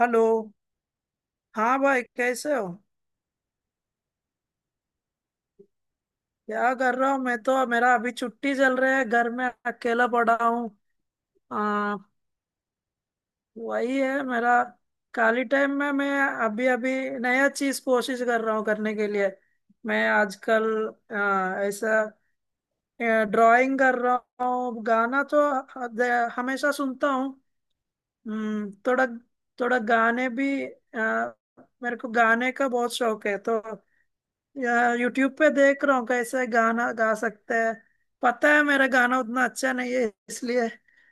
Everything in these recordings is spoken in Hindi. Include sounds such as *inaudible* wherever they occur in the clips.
हेलो। हाँ भाई, कैसे हो? क्या कर रहा हूँ मैं, तो मेरा अभी छुट्टी चल रहा है, घर में अकेला पड़ा हूँ। आ, वही है मेरा। खाली टाइम में मैं अभी अभी नया चीज कोशिश कर रहा हूँ करने के लिए। मैं आजकल ऐसा ड्राइंग कर रहा हूँ। गाना तो हद- हमेशा सुनता हूँ। थोड़ा थोड़ा गाने भी मेरे को गाने का बहुत शौक है तो। यार यूट्यूब पे देख रहा हूँ कैसे गाना गा सकते हैं। पता है मेरा गाना उतना अच्छा नहीं है, इसलिए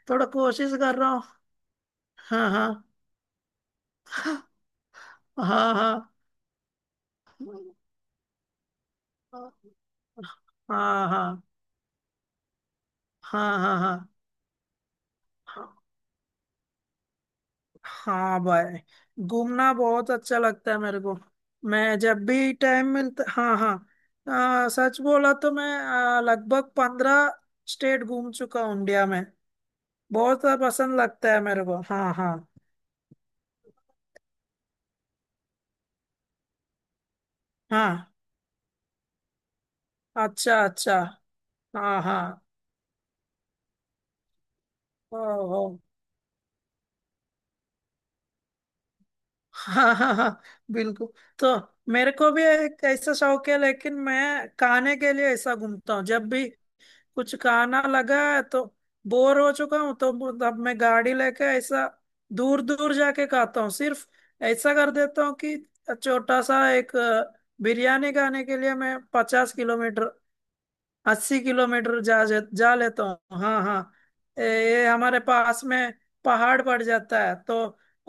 थोड़ा कोशिश कर रहा हूँ। हाँ हाँ। *laughs* हाँ हाँ हाँ। हाँ हाँ हाँ हाँ। हाँ भाई, घूमना बहुत अच्छा लगता है मेरे को। मैं जब भी टाइम मिलता, हाँ हाँ, सच बोला तो मैं लगभग 15 स्टेट घूम चुका हूँ इंडिया में। बहुत पसंद लगता है मेरे को। हाँ हाँ हाँ। अच्छा अच्छा। हाँ हाँ। ओ ओ। हाँ हाँ हाँ। *laughs* बिल्कुल। तो मेरे को भी एक ऐसा शौक है, लेकिन मैं खाने के लिए ऐसा घूमता हूँ। जब भी कुछ खाना लगा है तो, बोर हो चुका हूँ तो, अब मैं गाड़ी लेके ऐसा दूर दूर जाके खाता हूँ सिर्फ। ऐसा कर देता हूँ कि छोटा सा एक बिरयानी खाने के लिए मैं 50 किलोमीटर, 80 किलोमीटर जा जा जा लेता हूँ। हाँ हाँ। ये हमारे पास में पहाड़ पड़ जाता है तो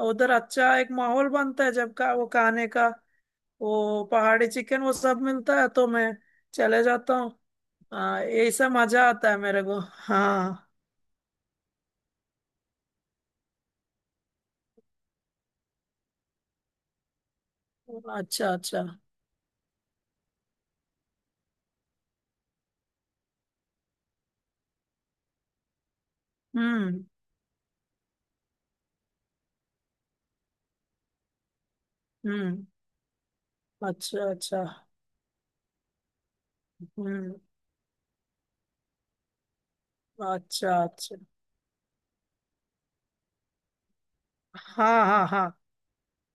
उधर अच्छा एक माहौल बनता है जब का वो खाने का। वो पहाड़ी चिकन वो सब मिलता है तो मैं चले जाता हूँ। हाँ ऐसा मजा आता है मेरे को। हाँ। अच्छा अच्छा। हम्म हम्म। अच्छा अच्छा। हम्म। अच्छा अच्छा। हाँ हाँ हाँ।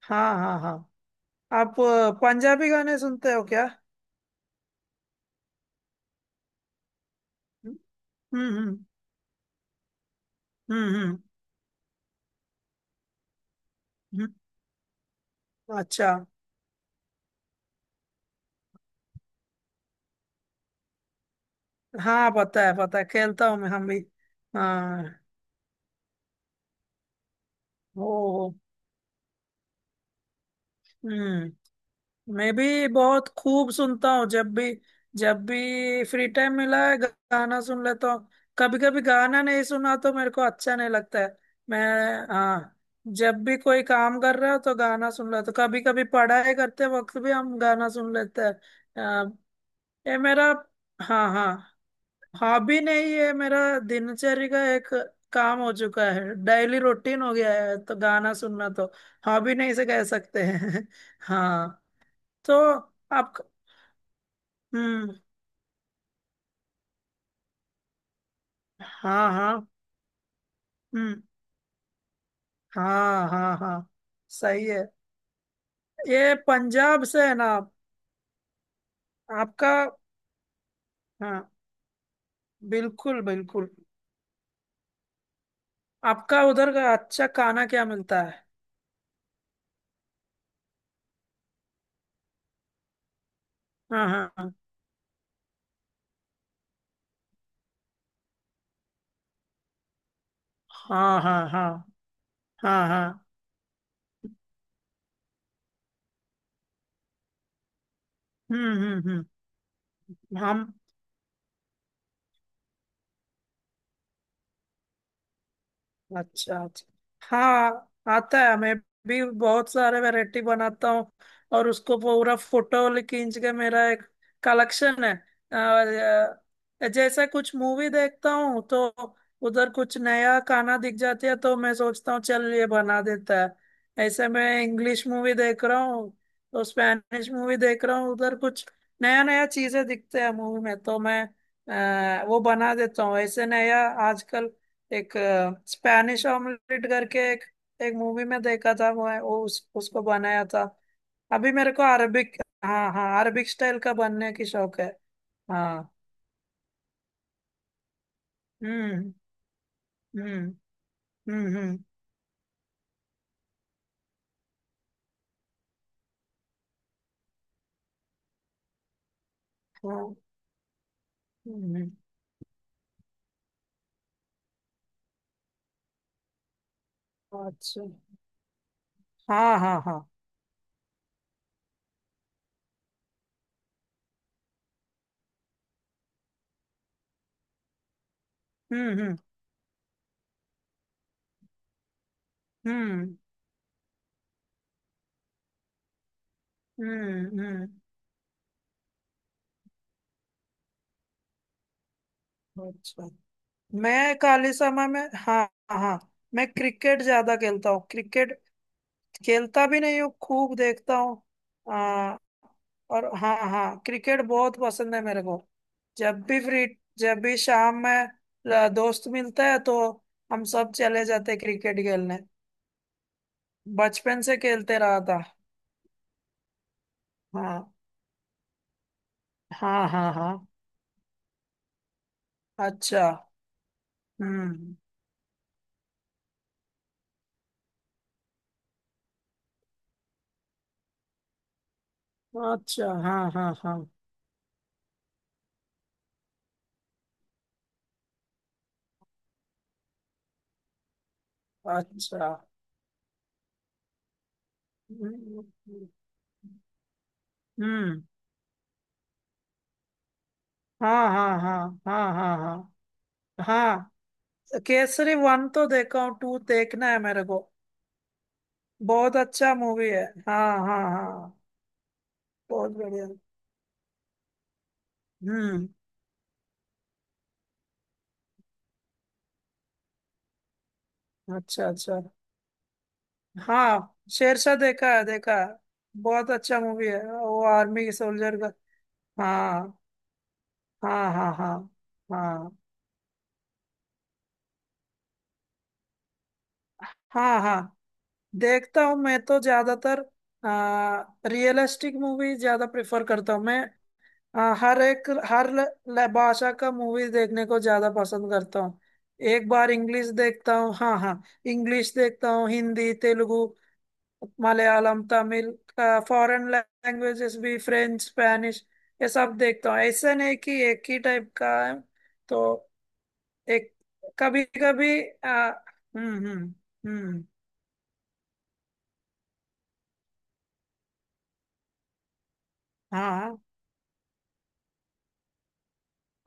हाँ हाँ हाँ। आप पंजाबी गाने सुनते हो क्या? हम्म हम्म। हम्म हम्म। हम्म। अच्छा। हाँ पता है पता है, खेलता हूँ मैं हम भी। हाँ। हो हो। हम्म। मैं भी बहुत खूब सुनता हूँ। जब भी, जब भी फ्री टाइम मिला है गाना सुन लेता हूँ। कभी कभी गाना नहीं सुना तो मेरे को अच्छा नहीं लगता है। मैं, हाँ, जब भी कोई काम कर रहा हो तो गाना सुन लेता हूँ। कभी कभी पढ़ाई करते वक्त भी हम गाना सुन लेते हैं। अ, ये मेरा, हाँ हाँ, हॉबी नहीं है मेरा। दिनचर्या का एक काम हो चुका है, डेली रूटीन हो गया है तो गाना सुनना तो हॉबी नहीं से कह सकते हैं। *laughs* हाँ। तो आप। हम्म। हाँ हाँ। हम्म। हाँ हाँ हाँ। सही है। ये पंजाब से है ना आप? आपका। हाँ बिल्कुल बिल्कुल। आपका उधर का अच्छा खाना क्या मिलता है? हाँ हाँ हाँ हाँ हाँ हाँ हाँ हाँ। हम्म। हम। अच्छा अच्छा। हाँ आता है। मैं भी बहुत सारे वैरायटी बनाता हूँ। और उसको पूरा फोटो खींच के मेरा एक कलेक्शन है। और, जैसे कुछ मूवी देखता हूँ तो उधर कुछ नया खाना दिख जाती है तो मैं सोचता हूँ चल ये बना देता है। ऐसे मैं इंग्लिश मूवी देख रहा हूँ तो स्पेनिश मूवी देख रहा हूँ। उधर कुछ नया नया चीजें दिखते हैं मूवी में तो मैं वो बना देता हूँ ऐसे नया। आजकल एक स्पैनिश ऑमलेट करके एक एक मूवी में देखा था, वो है, वो उस, उसको बनाया था। अभी मेरे को अरबिक, हाँ हाँ, अरबिक स्टाइल का बनने की शौक है। हाँ। हम्म हम्म हम्म। हाँ, हम्म, हम्म, अच्छा। हाँ हाँ हाँ। हम्म हम्म हम्म हम्म। अच्छा। मैं खाली समय में, हाँ हाँ, मैं क्रिकेट ज्यादा खेलता हूँ। क्रिकेट खेलता भी नहीं हूँ, खूब देखता हूँ। और हाँ हाँ, क्रिकेट बहुत पसंद है मेरे को। जब भी फ्री, जब भी शाम में दोस्त मिलता है तो हम सब चले जाते क्रिकेट खेलने। बचपन से खेलते रहा था। हाँ हाँ हाँ हाँ। अच्छा। हम्म। अच्छा। हाँ हाँ हाँ। अच्छा। हम्म हम्म, हाँ हाँ हाँ हाँ हाँ हाँ हाँ। केसरी वन तो देखा हूँ, टू देखना है मेरे को। बहुत अच्छा मूवी है। हाँ हाँ हाँ, बहुत बढ़िया। हम्म। अच्छा अच्छा। हाँ शेरशाह देखा है देखा है। बहुत अच्छा मूवी है, वो आर्मी के सोल्जर का। हाँ हाँ हाँ हाँ। हाँ हाँ हाँ। देखता हूँ मैं तो ज्यादातर आ, रियलिस्टिक मूवी ज्यादा प्रेफर करता हूँ मैं। हर एक, हर भाषा का मूवी देखने को ज्यादा पसंद करता हूँ। एक बार इंग्लिश देखता हूँ, हाँ हाँ, इंग्लिश देखता हूँ, हिंदी, तेलुगु, मलयालम, तमिल, फॉरेन लैंग्वेजेस भी, फ्रेंच, स्पेनिश, ये सब देखता हूँ। ऐसा नहीं कि एक ही टाइप का है। तो एक, कभी कभी हम्म। हाँ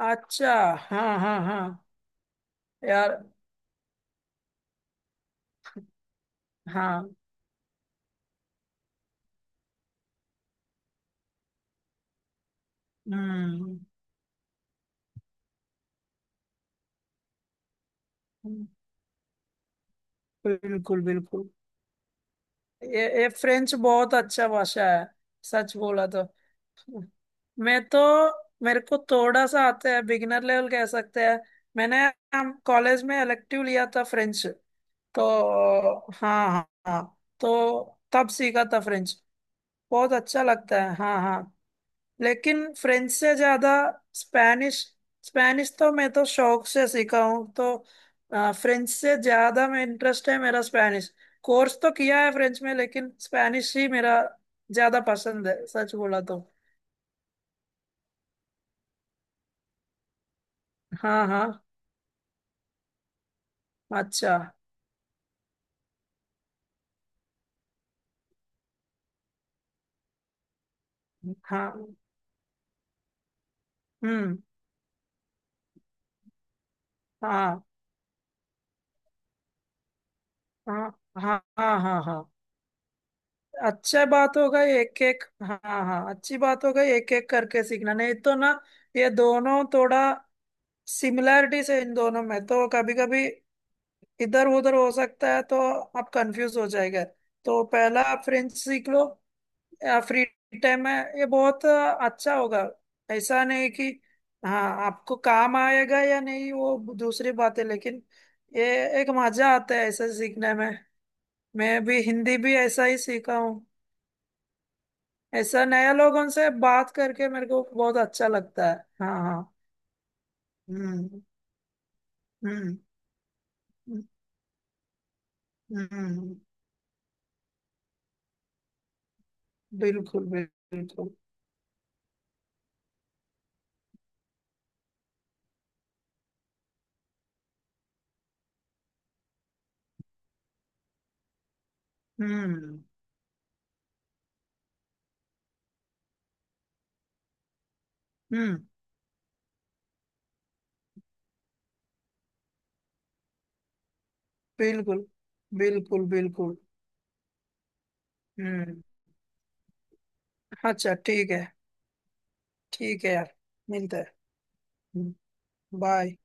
अच्छा। हाँ हाँ हाँ यार हाँ। हम्म हम्म, बिल्कुल बिल्कुल। ये फ्रेंच बहुत अच्छा भाषा है, सच बोला तो। मैं तो मेरे को थोड़ा सा आता है, बिगिनर लेवल कह सकते हैं। मैंने हम कॉलेज में इलेक्टिव लिया था फ्रेंच तो, हाँ हाँ हाँ, तो तब सीखा था फ्रेंच। बहुत अच्छा लगता है हाँ हाँ। लेकिन फ्रेंच से ज्यादा स्पेनिश। स्पेनिश तो मैं तो शौक से सीखा हूँ तो, फ्रेंच से ज्यादा में इंटरेस्ट है मेरा स्पेनिश। कोर्स तो किया है फ्रेंच में, लेकिन स्पेनिश ही मेरा ज्यादा पसंद है, सच बोला तो। हाँ हाँ। अच्छा हाँ। हम्म। हाँ हाँ हाँ हाँ हाँ हाँ। अच्छा बात होगा एक एक, हाँ हाँ, अच्छी बात होगा एक एक करके सीखना। नहीं तो ना, ये दोनों थोड़ा सिमिलैरिटी से इन दोनों में तो कभी कभी इधर उधर हो सकता है तो आप कंफ्यूज हो जाएगा। तो पहला आप फ्रेंच सीख लो या फ्री टाइम में, ये बहुत अच्छा होगा। ऐसा नहीं कि हाँ, आपको काम आएगा या नहीं वो दूसरी बात है, लेकिन ये एक मजा आता है ऐसा सीखने में। मैं भी हिंदी भी ऐसा ही सीखा हूँ। ऐसा नया लोगों से बात करके मेरे को बहुत अच्छा लगता है। हाँ हाँ। हम्म हम्म हम्म। हम्म, बिल्कुल बिल्कुल। हम्म हम्म। बिल्कुल बिल्कुल बिल्कुल। हम्म। अच्छा ठीक है। ठीक है यार। मिलते हैं। बाय।